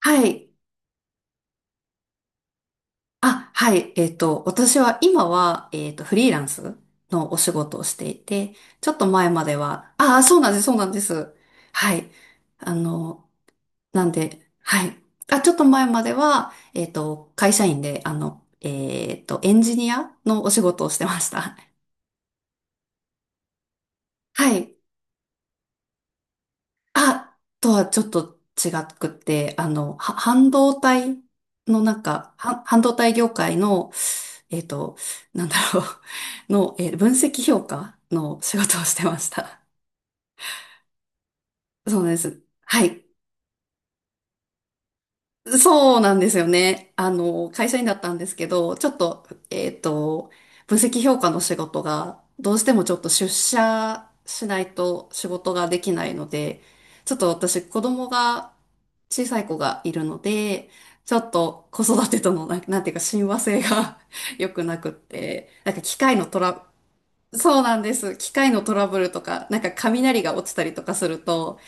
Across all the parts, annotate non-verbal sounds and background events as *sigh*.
はい。あ、はい。私は今は、フリーランスのお仕事をしていて、ちょっと前までは、ああ、そうなんです、そうなんです。はい。あの、なんで、はい。あ、ちょっと前までは、会社員で、エンジニアのお仕事をしてました。はい。あ、とはちょっと違くて、半導体の半導体業界の、えっと、*laughs* の、分析評価の仕事をしてました。そうです。はい。そうなんですよね。会社員だったんですけど、ちょっと、分析評価の仕事が、どうしてもちょっと出社しないと仕事ができないので、ちょっと私、子供が、小さい子がいるので、ちょっと子育てとの、なんなんていうか、親和性が *laughs* 良くなくって、機械のトラ、そうなんです。機械のトラブルとか、雷が落ちたりとかすると、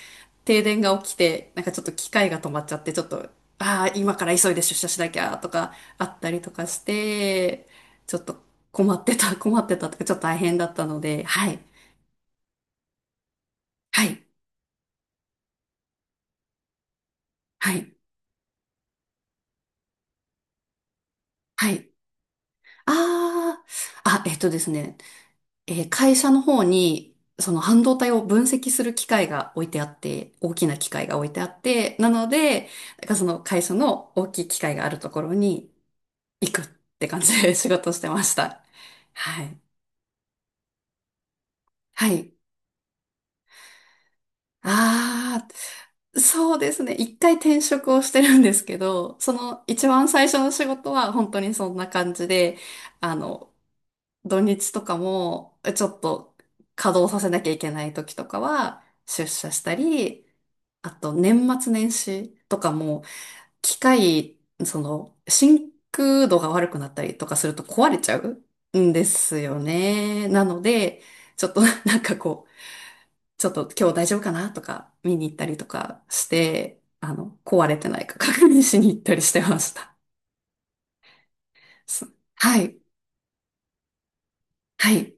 停電が起きて、ちょっと機械が止まっちゃって、ちょっと、ああ、今から急いで出社しなきゃとかあったりとかして、ちょっと困ってた、*laughs* 困ってたとか、ちょっと大変だったので、はい、はい、はい、はい。ああ、あ、えっとですね、えー会社の方に、その半導体を分析する機械が置いてあって、大きな機械が置いてあって、なので、その会社の大きい機械があるところに行くって感じで仕事してました。はい。はい。ああ、そうですね。一回転職をしてるんですけど、その一番最初の仕事は本当にそんな感じで、あの、土日とかもちょっと稼働させなきゃいけない時とかは出社したり、あと年末年始とかも機械、その真空度が悪くなったりとかすると壊れちゃうんですよね。なので、ちょっとちょっと今日大丈夫かなとか見に行ったりとかして、壊れてないか *laughs* 確認しに行ったりしてました。そう。はい。はい。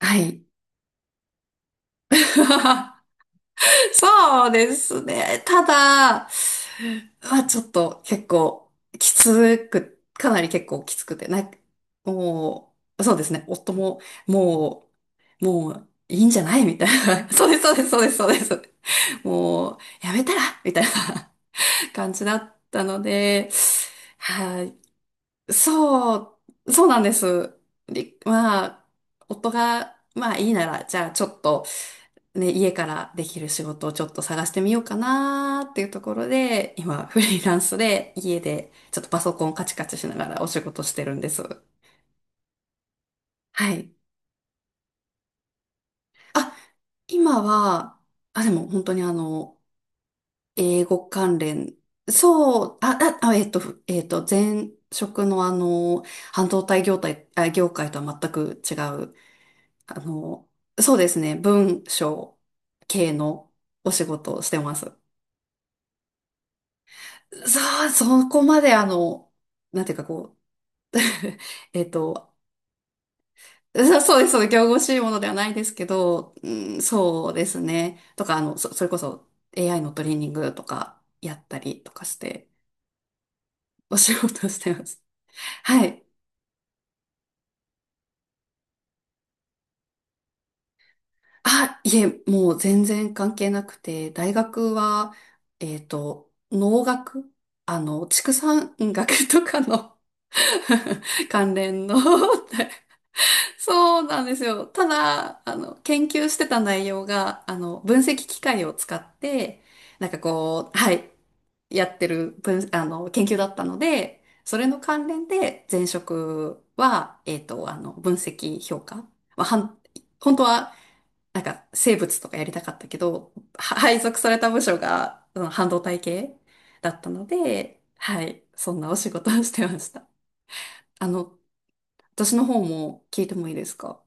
はい。*laughs* そうですね。ただ、ちょっと結構きつく、かなり結構きつくて、もう、そうですね。夫も、ももう、いいんじゃないみたいな。*laughs* そうです、そうです、そうです、そうです。もう、やめたらみたいな *laughs* 感じだったので、はい。そそうなんです。りまあ、夫が、まあいいなら、じゃあちょっと、ね、家からできる仕事をちょっと探してみようかなーっていうところで、今、フリーランスで家でちょっとパソコンカチカチしながらお仕事してるんです。はい。あ、今は、あ、でも本当に英語関連、そう、あ、あ、あえっと、ふえっと、前職の半導体業態、あ、業界とは全く違うあの、そうですね、文章系のお仕事をしてます。そう、そこまであの、なんていうかこう、*laughs* えっと、*laughs* そそうです、そうです、仰々しいものではないですけど、うん、そうですね。とか、それこそ AI のトレーニングとかやったりとかして、お仕事してます。はい。あ、いえ、もう全然関係なくて、大学は、農学畜産学とかの *laughs* 関連の *laughs* そうなんですよ。ただ、研究してた内容が、分析機械を使って、はい、やってる分、研究だったので、それの関連で前職は、分析評価。まあ、本当は生物とかやりたかったけど、配属された部署が、うん、半導体系だったので、はい、そんなお仕事をしてました。あの、私の方も聞いてもいいですか？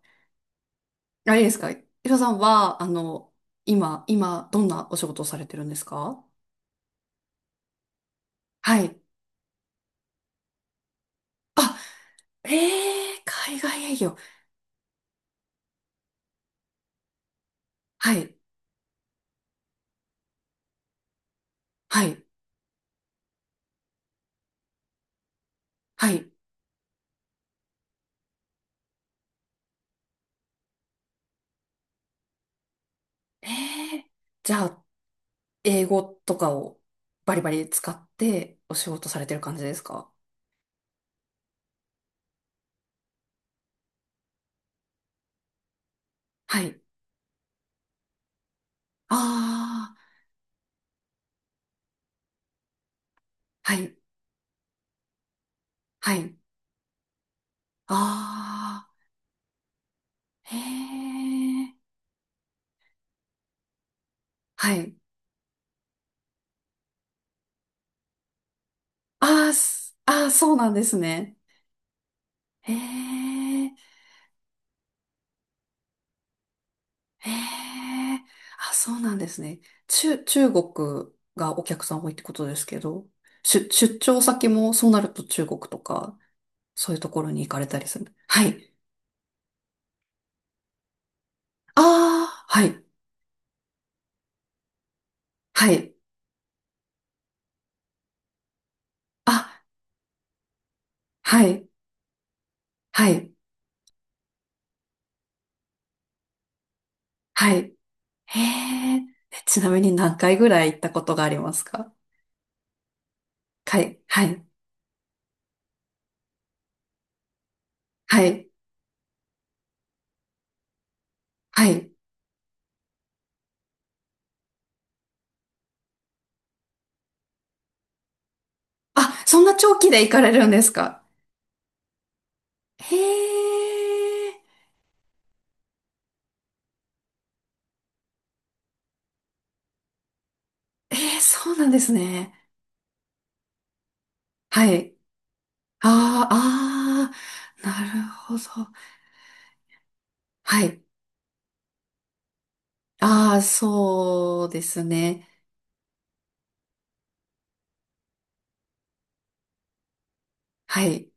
あれですか？ヒロさんは、今、どんなお仕事をされてるんですか？はい。あ、ええー、海外営業。はい、はい、はい。ええー、じゃあ、英語とかをバリバリ使ってお仕事されてる感じですか？はい。ああ。はい。はい。ああ、へえ。はい。ああ、すあーそうなんですね。へえ。へえ。あ、そうなんですね。中国がお客さん多いってことですけど、出張先もそうなると中国とか、そういうところに行かれたりする。はい。ああ、はい。はい。あ、はい。はい。はい。へえ。ちなみに何回ぐらい行ったことがありますか？はい。はい。はい。はい。あ、そんな長期で行かれるんですか？へえ、えー、そうなんですね。はい。あーあー、なるほど。はい。ああ、そうですね。はい。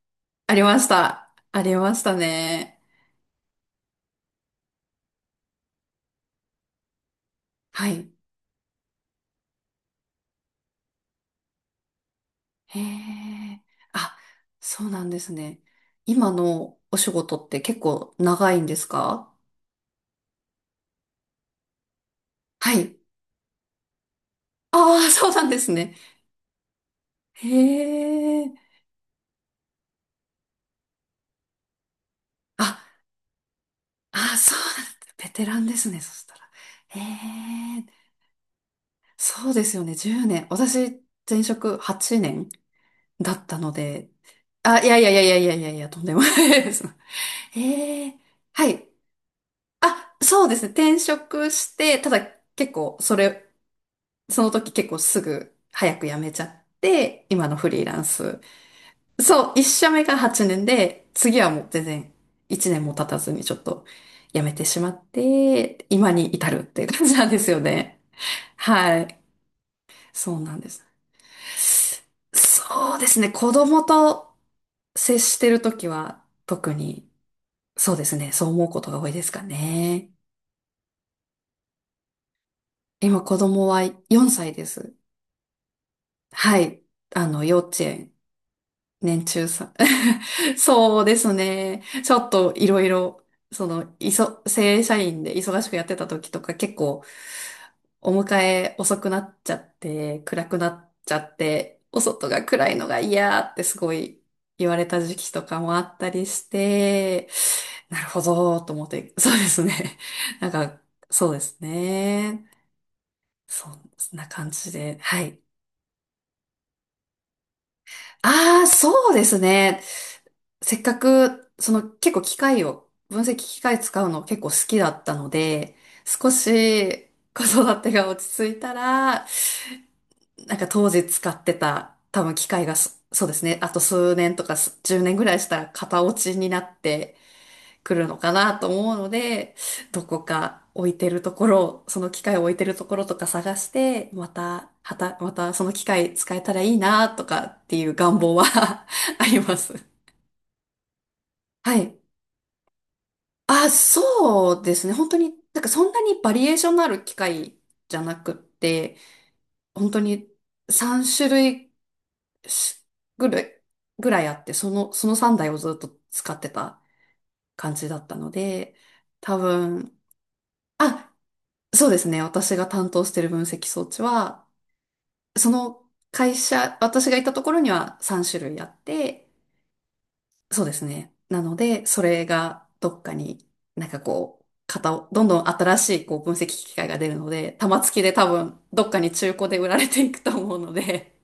ありました。ありましたね。はい。へえ、あ、そうなんですね。今のお仕事って結構長いんですか？はい。ああ、そうなんですね。へえ。ああ、そうなんだ。ベテランですね、そしたら。へえ、そうですよね、10年。私、前職8年だったので。あ、いやいやいやいやいやいやいや、とんでもないです。*laughs* へえ、はい。あ、そうですね、転職して、ただ結構、その時結構すぐ、早く辞めちゃって、今のフリーランス、そう、一社目が8年で、次はもう全然1年も経たずにちょっと辞めてしまって、今に至るっていう感じなんですよね。はい。そうなんです。そうですね。子供と接してるときは特に、そうですね。そう思うことが多いですかね。今子供は4歳です。はい。幼稚園年中さん。*laughs* そうですね。ちょっといろいろ、正社員で忙しくやってた時とか結構お迎え遅くなっちゃって、暗くなっちゃって、お外が暗いのが嫌ってすごい言われた時期とかもあったりして、なるほど、と思って、そうですね。*laughs* なんか、そうですね。そんな感じで、はい。ああ、そうですね。せっかく、その結構機械を、分析機械使うの結構好きだったので、少し子育てが落ち着いたら、当時使ってた多分機械がそうですね、あと数年とか10年ぐらいしたら型落ちになってくるのかなと思うので、どこか置いてるところ、その機械を置いてるところとか探して、また、はた、またその機械使えたらいいなとかっていう願望は *laughs* あります。はい。あ、そうですね。本当に、そんなにバリエーションのある機械じゃなくって、本当に3種類しぐらい、ぐらいあって、その3台をずっと使ってた感じだったので、多分、あ、そうですね。私が担当してる分析装置は、その会社、私がいたところには3種類あって、そうですね。なので、それがどっかに型を、どんどん新しい分析機械が出るので、玉突きで多分どっかに中古で売られていくと思うので、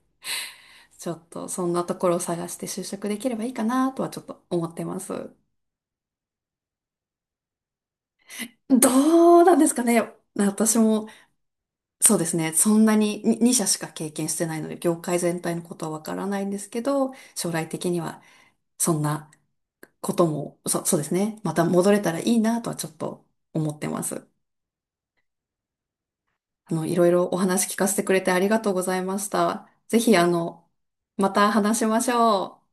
*laughs* ちょっとそんなところを探して就職できればいいかなとはちょっと思ってます。どうなんですかね。私もそうですね。そんなに2社しか経験してないので、業界全体のことはわからないんですけど、将来的にはそんなことも、そうですね。また戻れたらいいなとはちょっと思ってます。いろいろお話聞かせてくれてありがとうございました。ぜひ、また話しましょう。